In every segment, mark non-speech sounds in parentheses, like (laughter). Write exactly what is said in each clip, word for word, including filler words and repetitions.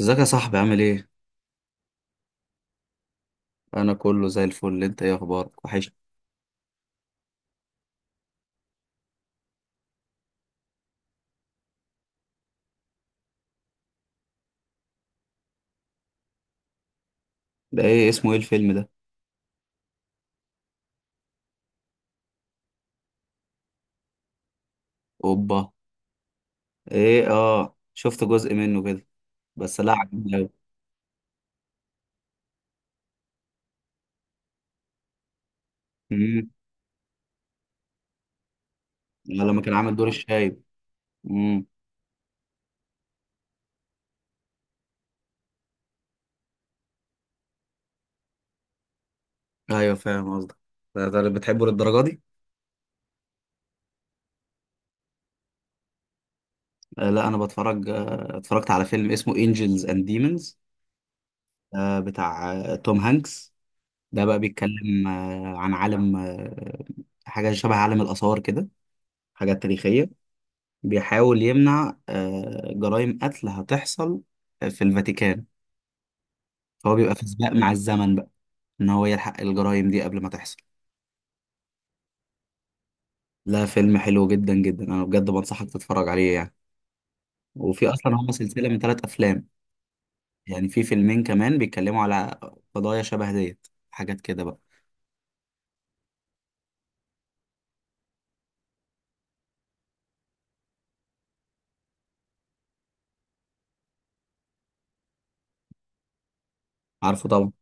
ازيك يا صاحبي عامل ايه؟ انا كله زي الفل. انت ايه اخبارك؟ وحش. ده ايه اسمه ايه الفيلم ده؟ اوبا. ايه، اه، شفت جزء منه كده، بس لا عجبني اوي. امم. لما كان عامل دور الشايب. امم. ايوه، فاهم قصدك. ده ده اللي بتحبه للدرجه دي؟ آه لا، انا بتفرج آه اتفرجت على فيلم اسمه انجلز اند ديمونز، آه بتاع آه توم هانكس. ده بقى بيتكلم آه عن عالم آه حاجه شبه عالم الاثار كده، حاجات تاريخيه. بيحاول يمنع آه، جرائم قتل هتحصل في الفاتيكان، فهو بيبقى في سباق مع الزمن بقى ان هو يلحق الجرائم دي قبل ما تحصل. لا، فيلم حلو جدا جدا، انا بجد بنصحك تتفرج عليه يعني. وفي اصلا هم سلسلة من ثلاث افلام، يعني في فيلمين كمان بيتكلموا على قضايا شبه ديت، حاجات كده بقى. عارفه طبعا.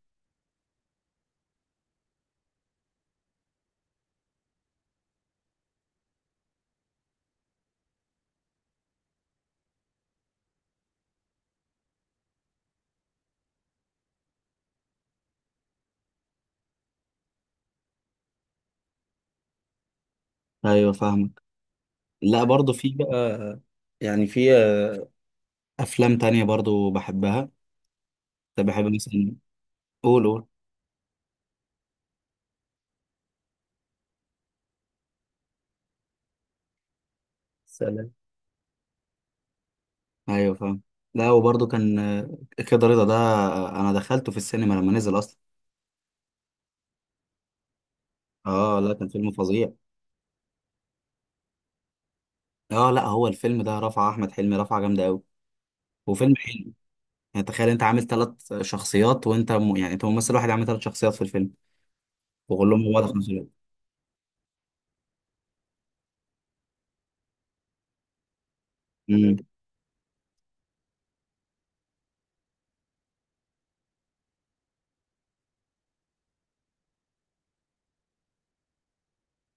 ايوه، فاهمك. لا برضه في بقى. يعني في آه، افلام تانية برضه بحبها. طب بحب مثلا. قول قول. سلام. ايوه، فاهم. لا، وبرضه كان آه، كده رضا ده، آه، انا دخلته في السينما لما نزل اصلا. اه لا، كان فيلم فظيع. اه لا، هو الفيلم ده رفع احمد حلمي رفعه جامده قوي، وفيلم حلو. يعني تخيل انت عامل ثلاث شخصيات، وانت م... يعني انت ممثل واحد عامل ثلاث شخصيات في الفيلم، وكلهم هو ده في نفس الوقت. امم.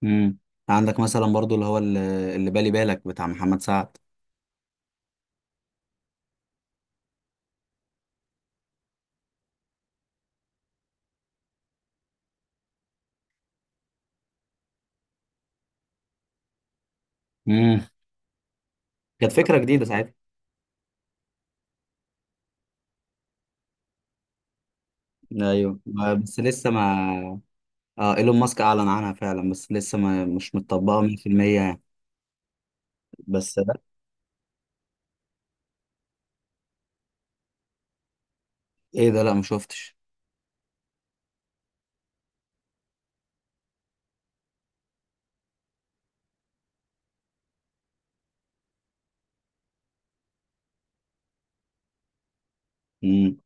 امم. عندك مثلا برضه اللي هو اللي اللي بالي بالك بتاع محمد سعد. امم. كانت فكره جديده ساعتها. ايوه، ما- بس لسه ما. اه، ايلون ماسك اعلن عنها فعلا بس لسه ما، مش متطبقه مية في المية يعني. بس. ايه ده؟ لا، ما شفتش. مم.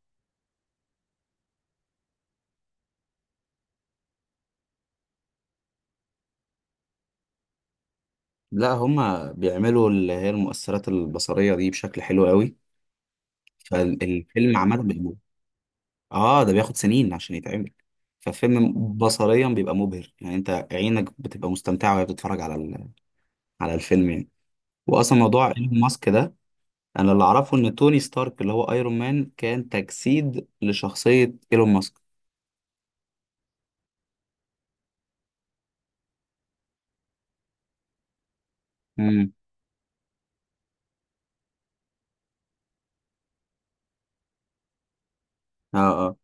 لا، هما بيعملوا اللي هي المؤثرات البصرية دي بشكل حلو قوي. فالفيلم عامة بيبقى، اه ده بياخد سنين عشان يتعمل. فالفيلم بصريا بيبقى مبهر، يعني انت عينك بتبقى مستمتعة وهي بتتفرج على ال... على الفيلم يعني. واصلا موضوع ايلون ماسك ده، انا اللي اعرفه ان توني ستارك اللي هو ايرون مان كان تجسيد لشخصية ايلون ماسك. امم. اه اه.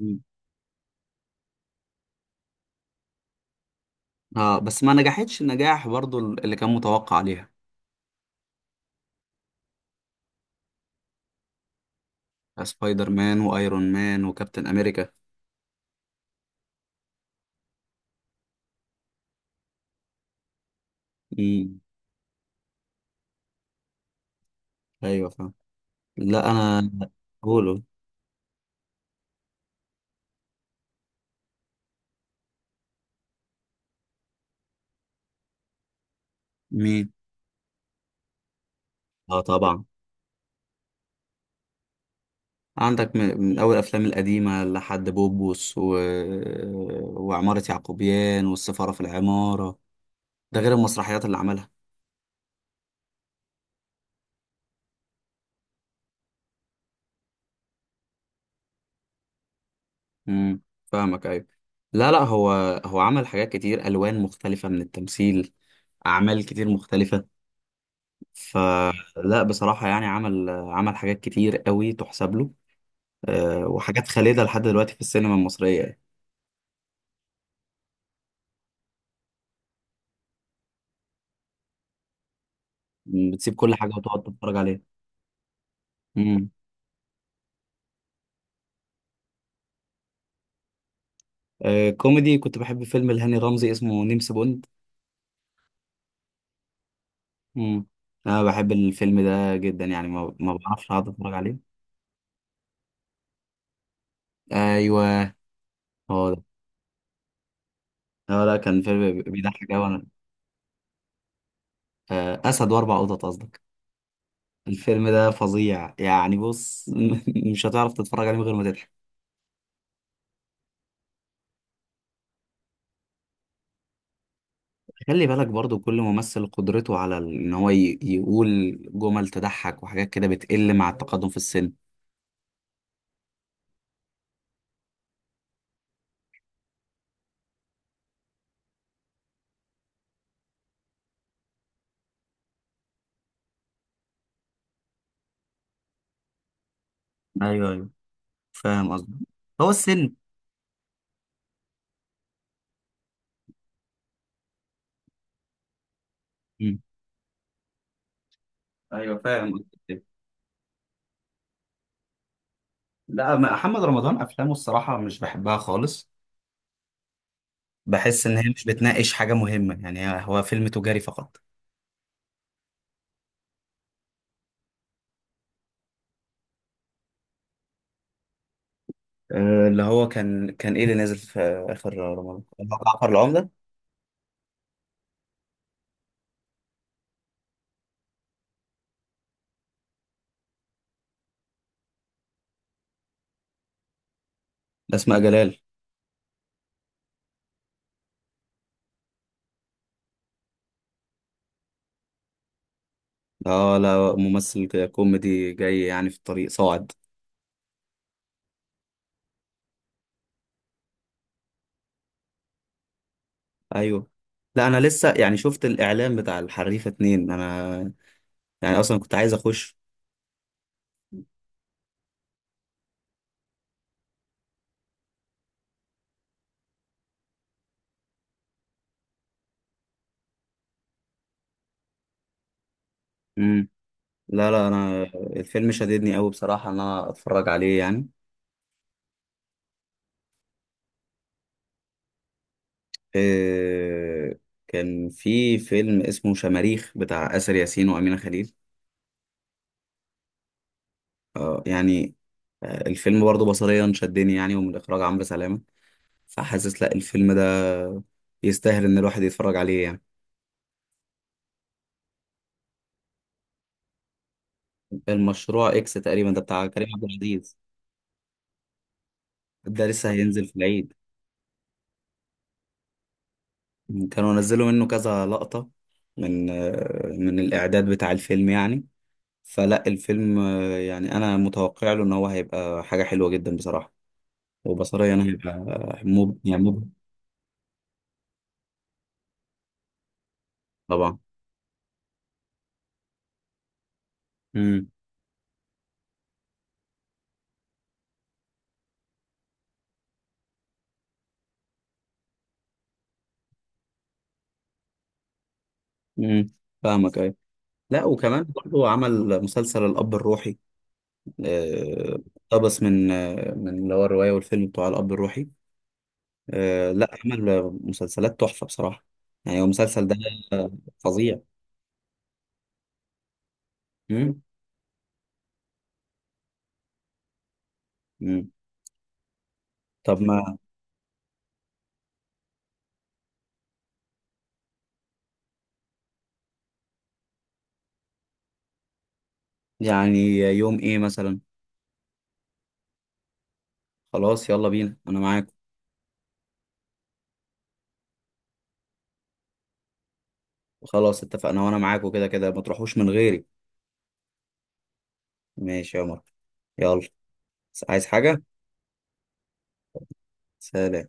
مم. اه، بس ما نجحتش النجاح برضو اللي كان متوقع عليها. سبايدر مان وايرون مان وكابتن امريكا. امم. ايوه، فاهم. لا انا. هولو. مين؟ اه طبعا. عندك من, من اول الافلام القديمه لحد بوبوس و... وعماره يعقوبيان والسفاره في العماره، ده غير المسرحيات اللي عملها. امم. فاهمك، ايوه. لا لا هو، هو عمل حاجات كتير، الوان مختلفه من التمثيل، اعمال كتير مختلفه. فلا بصراحه، يعني عمل عمل حاجات كتير قوي تحسب له، آه، وحاجات خالدة لحد دلوقتي في السينما المصرية يعني. مم، بتسيب كل حاجة وتقعد تتفرج عليها. مم. آه، كوميدي كنت بحب فيلم لهاني رمزي اسمه نمس بوند. مم. أنا بحب الفيلم ده جدا، يعني ما, ما بعرفش أقعد أتفرج عليه. أيوه. هو ده. لا لا، كان فيلم بيضحك أوي أنا. آه، أسد وأربع قطط قصدك. الفيلم ده فظيع يعني. بص (laughs) مش هتعرف تتفرج عليه من غير ما تضحك. خلي بالك برضو كل ممثل قدرته على ال- ان هو ي- يقول جمل تضحك وحاجات كده بتقل مع التقدم في السن. ايوه ايوه، فاهم قصدك. هو السن. مم. ايوه، فاهم قصدك. لا، ما- محمد رمضان افلامه الصراحه مش بحبها خالص، بحس ان هي مش بتناقش حاجه مهمه، يعني هي- هو فيلم تجاري فقط. آه، اللي هو كان كان ايه اللي نازل في اخر رمضان اللي هو جعفر العمده. اسماء جلال. اه لا، ممثل كوميدي جاي يعني في الطريق صاعد. ايوه لا، انا لسه يعني شفت الاعلان بتاع الحريفه اتنين، انا يعني اصلا كنت عايز اخش. لا لا، انا الفيلم شددني قوي بصراحه ان انا اتفرج عليه يعني. إيه؟ كان في فيلم اسمه شماريخ بتاع آسر ياسين وأمينة خليل، آه يعني، آه الفيلم برضه بصريا شدني يعني، ومن اخراج عمرو سلامه. فحاسس لا، الفيلم ده يستاهل ان الواحد يتفرج عليه يعني. المشروع اكس تقريبا ده بتاع كريم عبد العزيز. ده لسه هينزل في العيد. كانوا نزلوا منه كذا لقطه من آه من الاعداد بتاع الفيلم يعني. فلا الفيلم، آه، يعني انا متوقع له ان هو هيبقى حاجه حلوه جدا بصراحه. وبصريا انا هيبقى آه، مب... يعني مب... طبعا. امم. امم. فاهمك، ايوه. لا وكمان برضه عمل مسلسل الاب الروحي، آه، اقتبس من آه، من اللي هو الروايه والفيلم بتوع الاب الروحي. آه، لا عمل مسلسلات تحفه بصراحه، يعني هو المسلسل ده آه، فظيع. امم. امم. طب ما. يعني يوم ايه مثلا؟ خلاص، يلا بينا، انا معاك. خلاص اتفقنا، وانا معاك، وكده كده ما تروحوش من غيري. ماشي يا عمر. يلا. عايز حاجة؟ سلام.